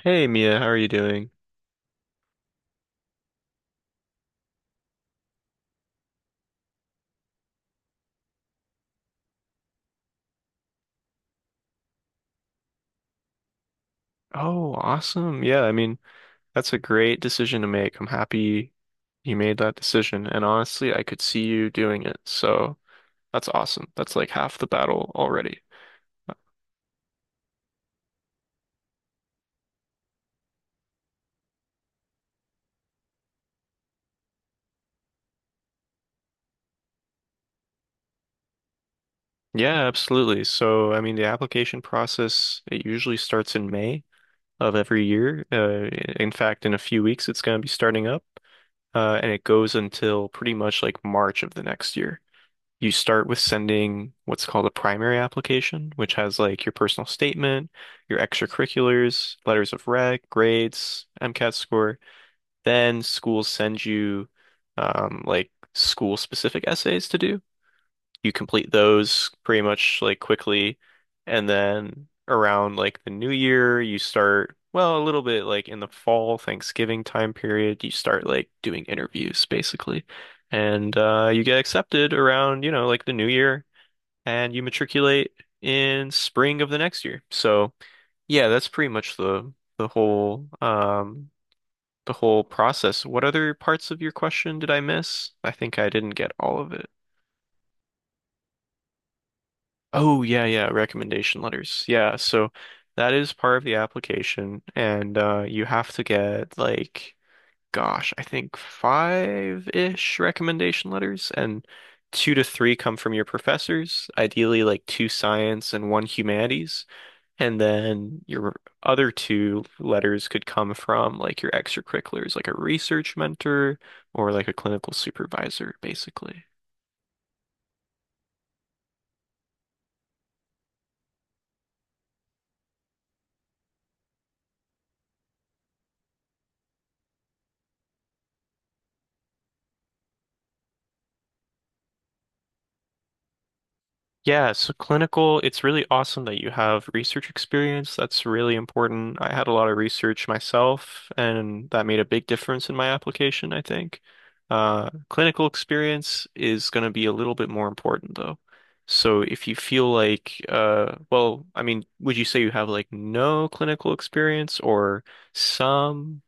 Hey Mia, how are you doing? Oh, awesome. Yeah, I mean, that's a great decision to make. I'm happy you made that decision. And honestly, I could see you doing it. So that's awesome. That's like half the battle already. Uh, Yeah, absolutely. So, I mean, the application process, it usually starts in May of every year. In fact, in a few weeks, it's going to be starting up, and it goes until pretty much like March of the next year. You start with sending what's called a primary application, which has like your personal statement, your extracurriculars, letters of rec, grades, MCAT score. Then schools send you like school-specific essays to do. You complete those pretty much like quickly. And then around like the new year, you start, well, a little bit like in the fall, Thanksgiving time period, you start like doing interviews basically. And you get accepted around like the new year and you matriculate in spring of the next year. So yeah, that's pretty much the whole um the whole process. What other parts of your question did I miss? I think I didn't get all of it. Oh yeah, yeah, recommendation letters. Yeah, so that is part of the application and you have to get like gosh, I think five-ish recommendation letters and two to three come from your professors, ideally like two science and one humanities, and then your other two letters could come from like your extracurriculars, like a research mentor or like a clinical supervisor, basically. Yeah, so clinical, it's really awesome that you have research experience. That's really important. I had a lot of research myself, and that made a big difference in my application, I think. Clinical experience is going to be a little bit more important, though. So if you feel like, well, I mean, would you say you have like no clinical experience or some?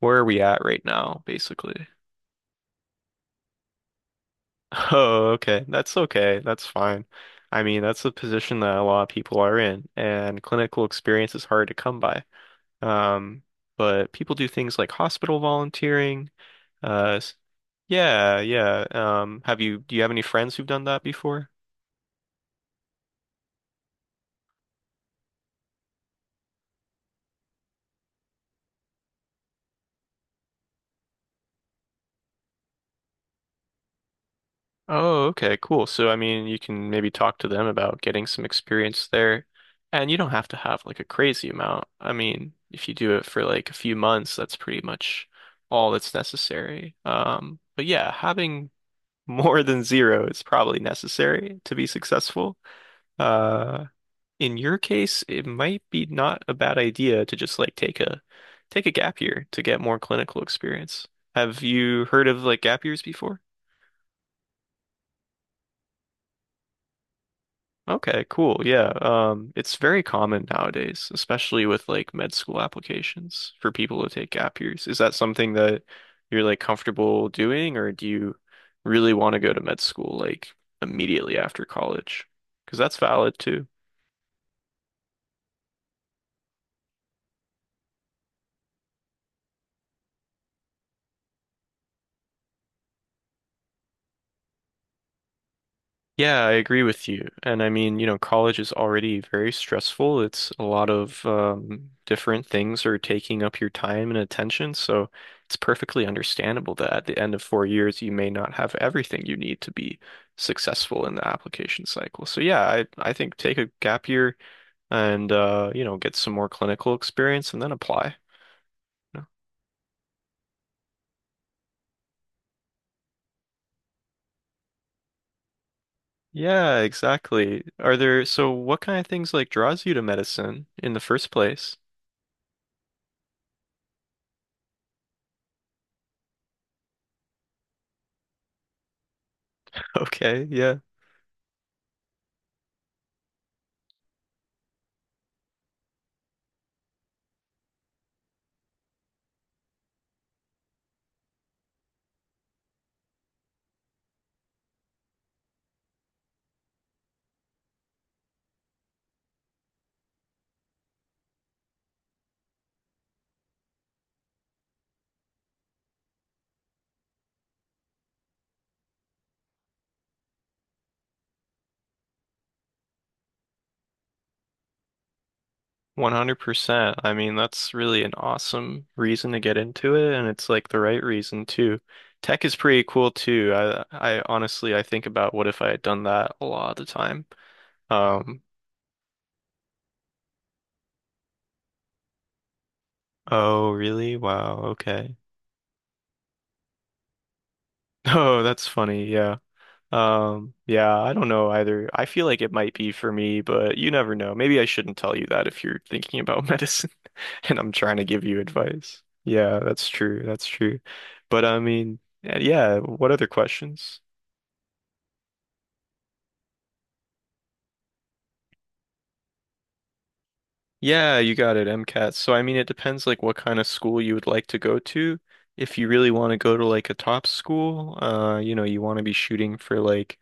Where are we at right now, basically? Oh, okay. That's okay. That's fine. I mean, that's a position that a lot of people are in, and clinical experience is hard to come by. Um, but people do things like hospital volunteering. Uh, s- yeah, yeah. Do you have any friends who've done that before? Oh, okay, cool. So, I mean, you can maybe talk to them about getting some experience there. And you don't have to have like a crazy amount. I mean, if you do it for like a few months, that's pretty much all that's necessary. But yeah, having more than zero is probably necessary to be successful. Uh, in your case, it might be not a bad idea to just like take a gap year to get more clinical experience. Have you heard of like gap years before? Okay, cool. Yeah. It's very common nowadays, especially with like med school applications for people to take gap years. Is that something that you're like comfortable doing, or do you really want to go to med school like immediately after college? Because that's valid too. Yeah, I agree with you. And I mean, you know, college is already very stressful. It's a lot of different things are taking up your time and attention. So it's perfectly understandable that at the end of 4 years, you may not have everything you need to be successful in the application cycle. So yeah, I think take a gap year and get some more clinical experience and then apply. No. Yeah, exactly. So what kind of things like draws you to medicine in the first place? Okay, yeah. 100%. I mean, that's really an awesome reason to get into it, and it's like the right reason too. Tech is pretty cool too. I honestly, I think about what if I had done that a lot of the time. Um, oh, really? Wow, okay. Oh, that's funny. Yeah. Yeah, I don't know either. I feel like it might be for me, but you never know. Maybe I shouldn't tell you that if you're thinking about medicine. And I'm trying to give you advice. Yeah, that's true. That's true. But I mean, yeah, yeah, what other questions? Yeah, you got it, MCAT. So I mean, it depends like what kind of school you would like to go to. If you really want to go to like a top school, you want to be shooting for like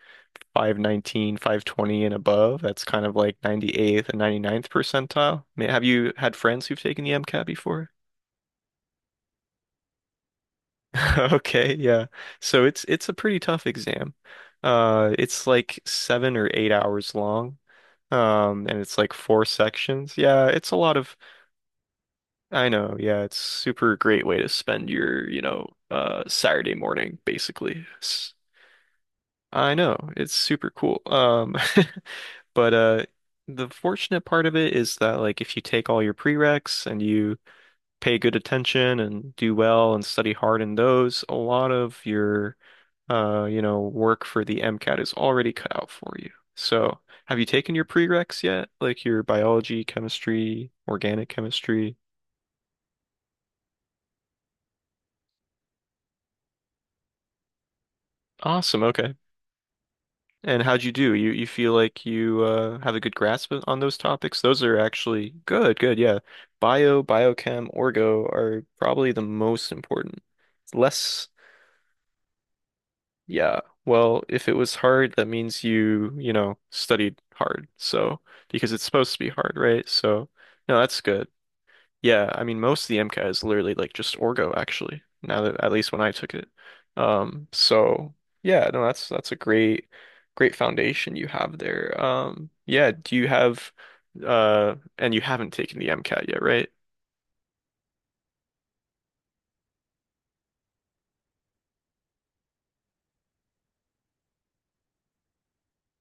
519, 520, and above. That's kind of like 98th and ninety ninth percentile. Have you had friends who've taken the MCAT before? Okay, yeah. So it's a pretty tough exam. It's like 7 or 8 hours long. And it's like four sections. Yeah, it's a lot of, I know, yeah, it's super great way to spend your Saturday morning, basically. I know, it's super cool. But the fortunate part of it is that like if you take all your prereqs and you pay good attention and do well and study hard in those, a lot of your work for the MCAT is already cut out for you. So, have you taken your prereqs yet? Like your biology, chemistry, organic chemistry? Awesome. Okay. And how'd you do? You feel like you have a good grasp on those topics? Those are actually good. Good. Yeah. Bio, biochem, orgo are probably the most important. Less Yeah. Well, if it was hard, that means you studied hard. So, because it's supposed to be hard, right? So, no, that's good. Yeah, I mean, most of the MCAT is literally like just Orgo, actually. Now that At least when I took it. So yeah, no, that's a great, great foundation you have there. Yeah, do you have and you haven't taken the MCAT yet, right?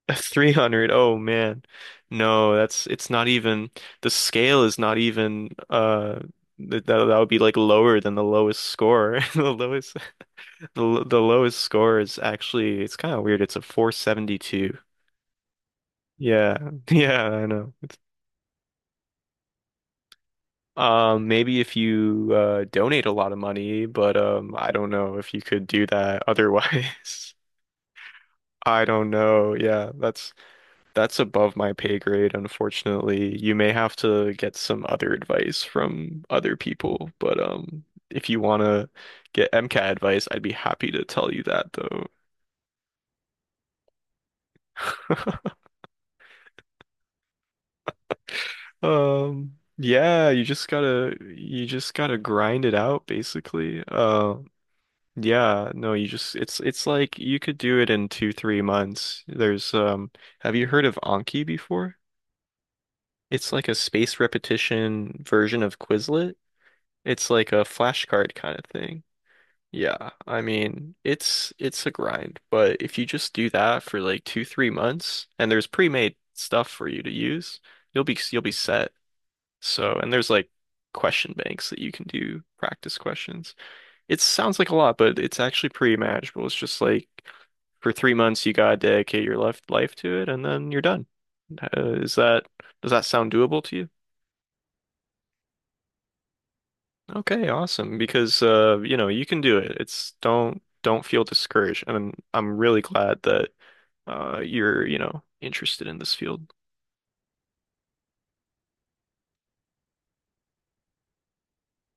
300. Oh man. No, that's it's not even the scale is not even that would be like lower than the lowest score. The lowest score is actually it's kind of weird. It's a 472. Yeah. Yeah, I know. Maybe if you donate a lot of money, but I don't know if you could do that otherwise. I don't know. Yeah, that's above my pay grade, unfortunately. You may have to get some other advice from other people, but if you want to get MCAT advice, I'd be happy to tell you that though. Yeah, you just gotta grind it out basically. Yeah, no, you just it's like you could do it in two, 3 months. There's Have you heard of Anki before? It's like a space repetition version of Quizlet. It's like a flashcard kind of thing. Yeah, I mean, it's a grind, but if you just do that for like two, 3 months and there's pre-made stuff for you to use, you'll be set. So, and there's like question banks that you can do practice questions. It sounds like a lot, but it's actually pretty manageable. It's just like for 3 months you gotta dedicate your life to it and then you're done. Is that does that sound doable to you? Okay, awesome. Because you can do it. It's don't feel discouraged. And I'm really glad that you're interested in this field.